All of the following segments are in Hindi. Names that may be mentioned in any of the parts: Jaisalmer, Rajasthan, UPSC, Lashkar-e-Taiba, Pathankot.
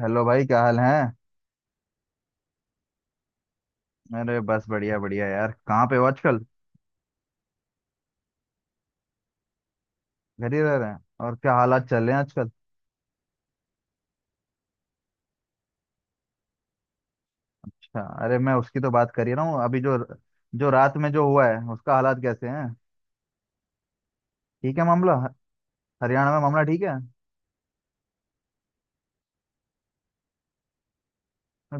हेलो भाई, क्या हाल है। अरे बस बढ़िया बढ़िया यार, कहाँ पे हो आजकल। घर ही रह रहे हैं। और क्या हालात चल रहे हैं आजकल। अच्छा, अरे मैं उसकी तो बात कर ही रहा हूँ अभी। जो जो रात में जो हुआ है, उसका हालात कैसे हैं। ठीक है मामला हरियाणा में मामला ठीक है।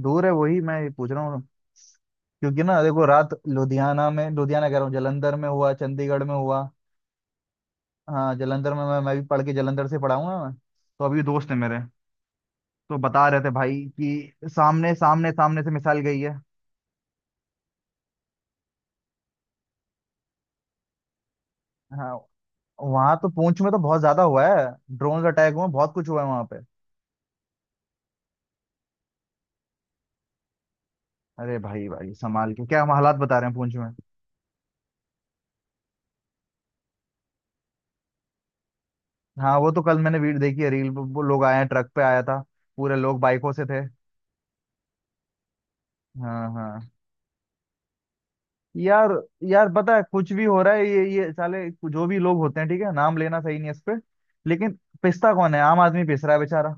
दूर है, वही मैं पूछ रहा हूँ। क्योंकि ना देखो, रात लुधियाना में, लुधियाना कह रहा हूँ जलंधर में हुआ, चंडीगढ़ में हुआ। हाँ, जलंधर में मैं भी पढ़ के, जलंधर से पढ़ा हूँ ना मैं। तो अभी दोस्त है मेरे। तो बता रहे थे भाई कि सामने सामने सामने से मिसाइल गई है। हाँ, वहां तो पूंछ में तो बहुत ज्यादा हुआ है। ड्रोन अटैक हुआ, बहुत कुछ हुआ है वहां पे। अरे भाई भाई, संभाल के। क्या हम हालात बता रहे हैं पूंछ में। हाँ, वो तो कल मैंने वीडियो देखी है, रील। वो लोग आए हैं, ट्रक पे आया था। पूरे लोग बाइकों से थे। हाँ हाँ। यार, यार पता है कुछ भी हो रहा है। ये साले जो भी लोग होते हैं, ठीक है नाम लेना सही नहीं है इस पे। लेकिन पिसता कौन है, आम आदमी पिस रहा है बेचारा।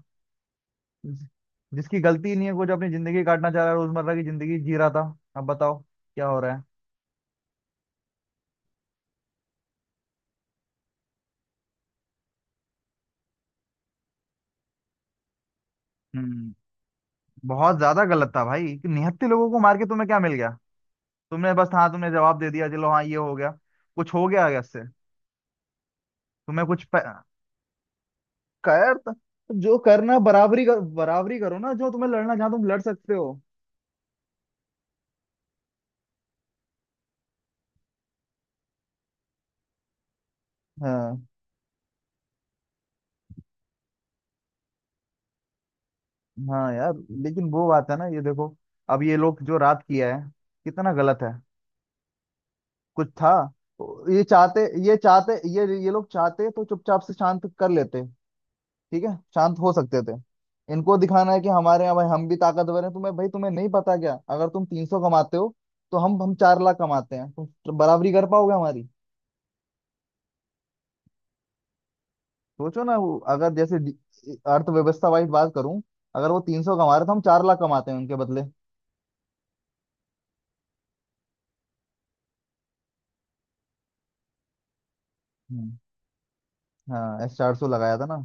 जिस- जिसकी गलती नहीं है, वो जो अपनी जिंदगी काटना चाह रहा है, रोजमर्रा की जिंदगी जी रहा था। अब बताओ क्या हो रहा है। हम्म। बहुत ज्यादा गलत था भाई, कि निहत्थे लोगों को मार के तुम्हें क्या मिल गया। तुमने बस, हाँ तुमने जवाब दे दिया, चलो हाँ ये हो गया। कुछ हो गया आगे इससे। तुम्हें कुछ प... कर जो करना बराबरी बराबरी करो ना, जो तुम्हें लड़ना, जहाँ तुम लड़ सकते हो। हाँ हाँ यार। लेकिन वो बात है ना, ये देखो अब ये लोग जो रात किया है, कितना गलत है। कुछ था तो। ये लोग चाहते तो चुपचाप से शांत कर लेते। ठीक है, शांत हो सकते थे। इनको दिखाना है कि हमारे यहाँ भाई, हम भी ताकतवर हैं। तुम्हें भाई तुम्हें नहीं पता क्या, अगर तुम 300 कमाते हो तो हम 4 लाख कमाते हैं, तुम बराबरी कर पाओगे हमारी। सोचो ना, वो अगर जैसे अर्थव्यवस्था वाइज बात करूं, अगर वो 300 कमा रहे तो हम 4 लाख कमाते हैं उनके बदले। हम्म, हाँ S-400 लगाया था ना।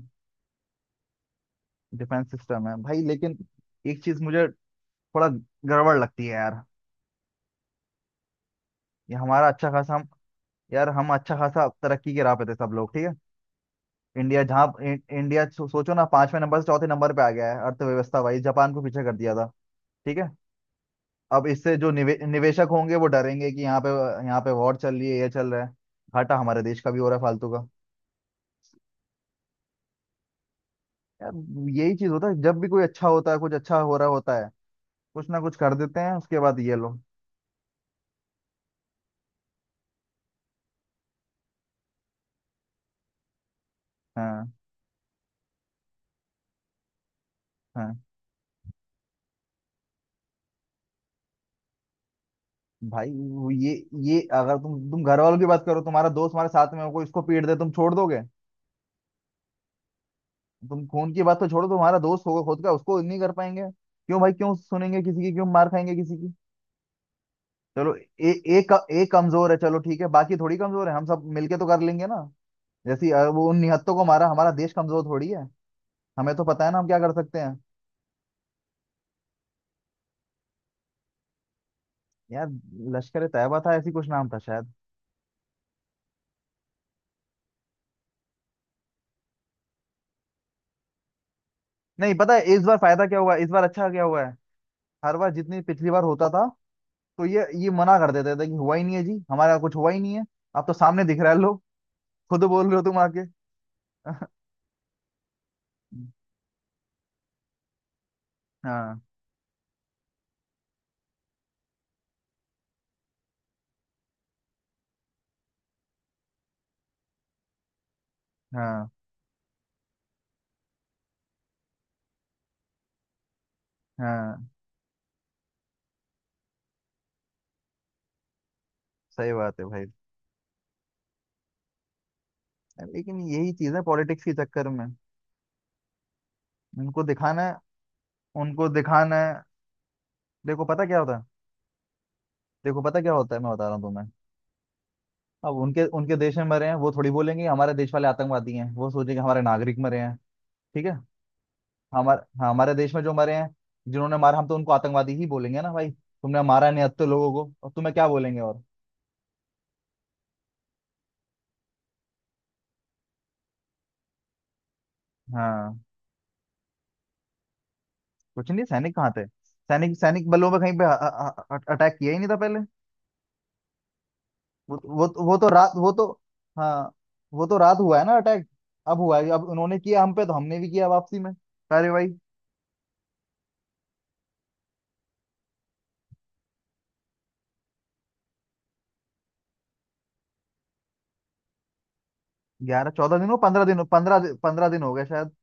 डिफेंस सिस्टम है भाई, लेकिन एक चीज मुझे थोड़ा गड़बड़ लगती है यार। ये हमारा अच्छा खासा हम यार हम अच्छा खासा तरक्की के राह पे थे सब लोग, ठीक है। इंडिया जहाँ इंडिया सोचो ना, पांचवें नंबर से चौथे नंबर पे आ गया है, अर्थव्यवस्था वाइज जापान को पीछे कर दिया था। ठीक है। अब इससे जो निवेशक होंगे वो डरेंगे कि यहाँ पे, यहाँ पे वॉर चल रही है, ये चल रहा है। घाटा हमारे देश का भी हो रहा है फालतू का। यार यही चीज होता है, जब भी कोई अच्छा होता है, कुछ अच्छा हो रहा होता है, कुछ ना कुछ कर देते हैं उसके बाद ये लोग। हाँ हाँ भाई। वो ये अगर तुम, घर वालों की बात करो, तुम्हारा दोस्त तुम्हारे साथ में हो, कोई उसको पीट दे, तुम छोड़ दोगे। तुम खून की बात तो छोड़ो, तुम्हारा दोस्त होगा खुद का, उसको नहीं कर पाएंगे। क्यों भाई क्यों सुनेंगे किसी की, क्यों मार खाएंगे किसी की। चलो, ए, एक एक कमजोर है, चलो ठीक है, बाकी थोड़ी कमजोर है, हम सब मिलके तो कर लेंगे ना। जैसे वो उन निहत्तों को मारा, हमारा देश कमजोर थोड़ी है, हमें तो पता है ना हम क्या कर सकते हैं। यार लश्कर ए तैयबा था, ऐसी कुछ नाम था शायद। नहीं, पता है इस बार फायदा क्या हुआ है? इस बार अच्छा क्या हुआ है। हर बार जितनी पिछली बार होता था, तो ये मना कर देते थे कि हुआ ही नहीं है जी, हमारा कुछ हुआ ही नहीं है। आप तो सामने दिख रहा है, लो खुद बोल रहे हो तुम आके। हाँ हाँ हाँ। सही बात है भाई। लेकिन यही चीज है, पॉलिटिक्स के चक्कर में उनको दिखाना है। उनको दिखाना है। देखो पता क्या होता है, देखो पता क्या होता है, मैं बता रहा हूँ तुम्हें। अब उनके उनके देश में मरे हैं, वो थोड़ी बोलेंगे हमारे देश वाले आतंकवादी हैं, वो सोचेंगे हमारे नागरिक मरे हैं, ठीक है। हमारे देश में जो मरे हैं, जिन्होंने मारा, हम तो उनको आतंकवादी ही बोलेंगे ना भाई। तुमने मारा निहत्तर लोगों को, और तुम्हें क्या बोलेंगे और। हाँ। कुछ नहीं, सैनिक कहाँ थे। सैनिक सैनिक बलों में कहीं पे अटैक किया ही नहीं था पहले। वो तो रात वो तो हाँ, वो तो रात हुआ है ना अटैक। अब हुआ है, अब उन्होंने किया हम पे तो हमने भी किया वापसी में कार्रवाई। ग्यारह चौदह दिन हो पंद्रह पंद्रह दिन हो गए शायद।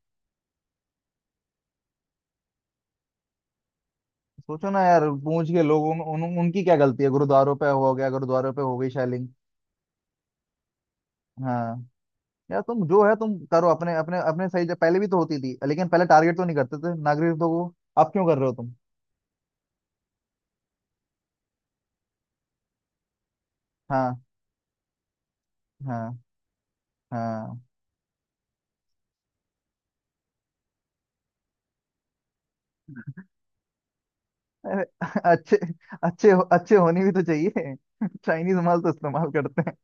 सोचो ना यार, पूंछ के लोगों उनकी क्या गलती है। गुरुद्वारों पे हो गया, गुरुद्वारों पे हो गई शैलिंग। हाँ। यार तुम जो है तुम करो अपने अपने अपने सही जगह, पहले भी तो होती थी, लेकिन पहले टारगेट तो नहीं करते थे नागरिक तो वो। अब क्यों कर रहे हो तुम। हाँ हाँ हाँ। अरे अच्छे अच्छे, अच्छे होने भी तो चाहिए। चाइनीज माल तो इस्तेमाल करते हैं।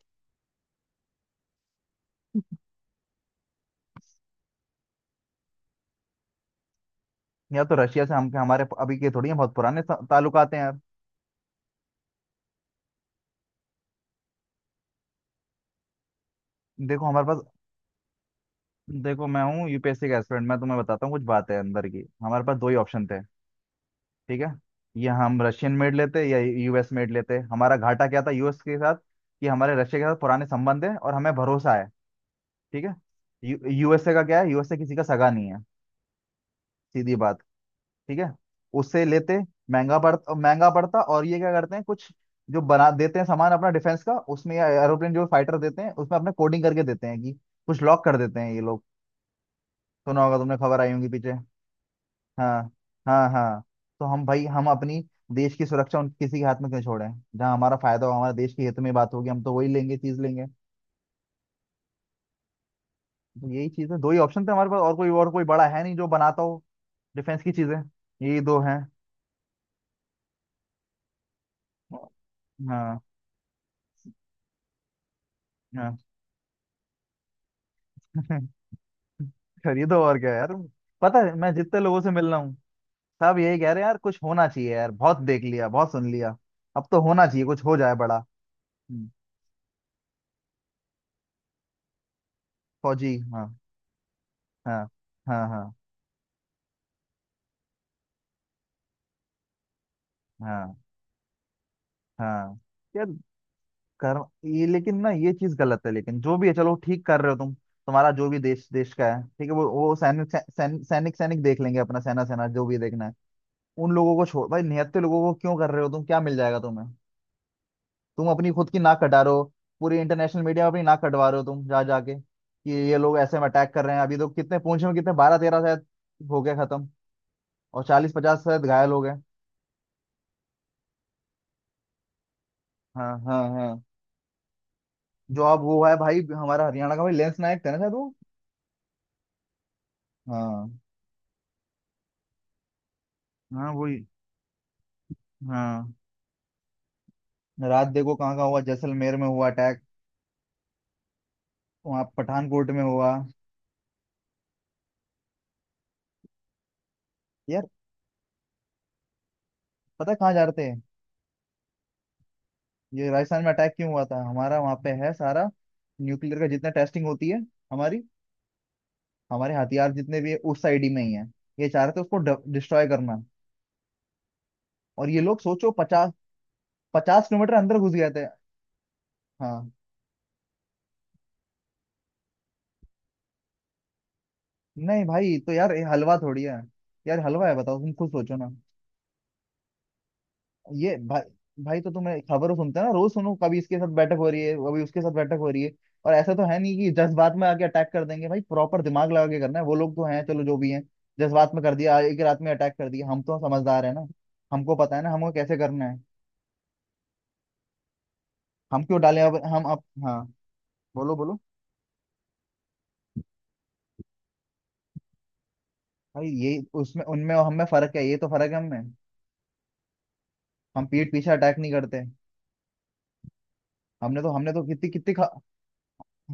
या तो रशिया से, हम हमारे अभी के थोड़ी हैं, बहुत पुराने ताल्लुकात हैं यार। देखो हमारे पास, देखो मैं हूँ यूपीएससी का एस्पिरेंट, मैं तुम्हें बताता हूँ कुछ बात है अंदर की। हमारे पास दो ही ऑप्शन थे, ठीक है। या हम रशियन मेड लेते या यूएस मेड लेते। हमारा घाटा क्या था यूएस के साथ, कि हमारे रशिया के साथ पुराने संबंध है और हमें भरोसा है, ठीक है। यू यूएसए का क्या है, यूएसए किसी का सगा नहीं है, सीधी बात। ठीक है, उससे लेते महंगा पड़ता, महंगा पड़ता। और ये क्या करते हैं, कुछ जो बना देते हैं सामान अपना डिफेंस का, उसमें या एरोप्लेन जो फाइटर देते हैं उसमें, अपने कोडिंग करके देते हैं कि कुछ लॉक कर देते हैं ये लोग। सुना होगा तुमने, खबर आई होंगी पीछे। हाँ हाँ हाँ। तो हम भाई हम अपनी देश की सुरक्षा उन किसी के हाथ में क्यों छोड़ें। जहाँ हमारा फायदा हो, हमारे देश के हित में बात होगी, हम तो वही लेंगे, चीज लेंगे। तो यही चीज है, दो ही ऑप्शन थे हमारे पास, और कोई बड़ा है नहीं जो बनाता हो डिफेंस की चीजें, यही दो हैं। हाँ हाँ। खरीदो और क्या यार। पता है मैं जितने लोगों से मिल रहा हूँ, सब यही कह रहे हैं, यार कुछ होना चाहिए, यार बहुत देख लिया बहुत सुन लिया, अब तो होना चाहिए, कुछ हो जाए बड़ा। हम्म, फौजी हाँ। हाँ हाँ। हाँ हाँ हाँ। यार कर ये लेकिन ना ये चीज गलत है, लेकिन जो भी है चलो ठीक, कर रहे हो तुम, तुम्हारा जो भी देश देश का है, ठीक है। वो सैनिक सै- सैनिक सैनिक सैनिक देख लेंगे अपना, सेना सेना जो भी देखना है। उन लोगों को छोड़ भाई, निहत्थे लोगों को क्यों कर रहे हो तुम, क्या मिल जाएगा तुम्हें। तुम अपनी खुद की नाक कटा रहे हो, पूरी इंटरनेशनल मीडिया में अपनी नाक कटवा रहे हो तुम, जा जाके कि ये लोग ऐसे में अटैक कर रहे हैं। अभी तो कितने पूंछ में, कितने 12-13 शायद हो गया खत्म, और 40-50 शायद घायल हो गए। हाँ हाँ हाँ। जो अब वो है भाई, हमारा हरियाणा का भाई, लेंस नायक था ना शायद वो। हाँ हाँ वही। हाँ, रात देखो कहाँ का हुआ, जैसलमेर में हुआ अटैक, वहाँ पठानकोट में हुआ। यार पता है कहाँ जा रहे थे, ये राजस्थान में अटैक क्यों हुआ था। हमारा वहाँ पे है सारा न्यूक्लियर का जितना टेस्टिंग होती है हमारी, हमारे हथियार जितने भी है उस साइड ही में ही है। ये चाह रहे थे उसको डिस्ट्रॉय करना। और ये लोग सोचो, पचास पचास किलोमीटर अंदर घुस गए थे। हाँ। नहीं भाई तो यार, ये हलवा थोड़ी है, यार हलवा है, बताओ तुम खुद सोचो ना। ये भाई भाई तो तुम्हें खबरों सुनते हो ना, रोज सुनो, कभी इसके साथ बैठक हो रही है, कभी उसके साथ बैठक हो रही है। और ऐसा तो है नहीं कि जज्बात में आके अटैक कर देंगे भाई, प्रॉपर दिमाग लगा के करना है। वो लोग तो हैं चलो जो भी हैं, जज्बात में कर दिया, एक रात में अटैक कर दिया, हम तो समझदार है ना, हमको पता है ना हमको कैसे करना है। हम क्यों डालें, अब हम, अब हाँ। बोलो बोलो। भाई ये उसमें उनमें और हमें फर्क है, ये तो फर्क है हमें, हम पीठ पीछे अटैक नहीं करते। हमने तो कितनी कितनी ख-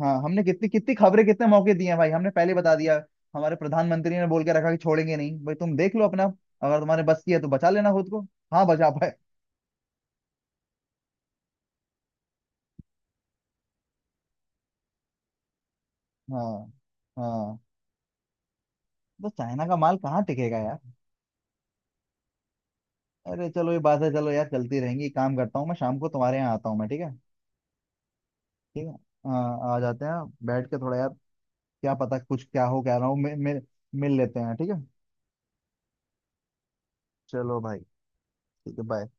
हाँ हमने कितनी कितनी खबरें, कितने मौके दिए हैं भाई, हमने पहले बता दिया। हमारे प्रधानमंत्री ने बोल के रखा कि छोड़ेंगे नहीं भाई, तुम देख लो अपना, अगर तुम्हारे बस की है तो बचा लेना खुद को। हाँ बचा पाए। हाँ हाँ। तो चाइना का माल कहाँ टिकेगा यार। अरे चलो ये बात है, चलो यार चलती रहेंगी, एक काम करता हूँ मैं, शाम को तुम्हारे यहाँ आता हूँ मैं, ठीक है। ठीक है। हाँ आ जाते हैं, बैठ के थोड़ा यार, क्या पता कुछ क्या हो, क्या रहा हो, मिल मिल लेते हैं, ठीक है। चलो भाई, ठीक है, बाय।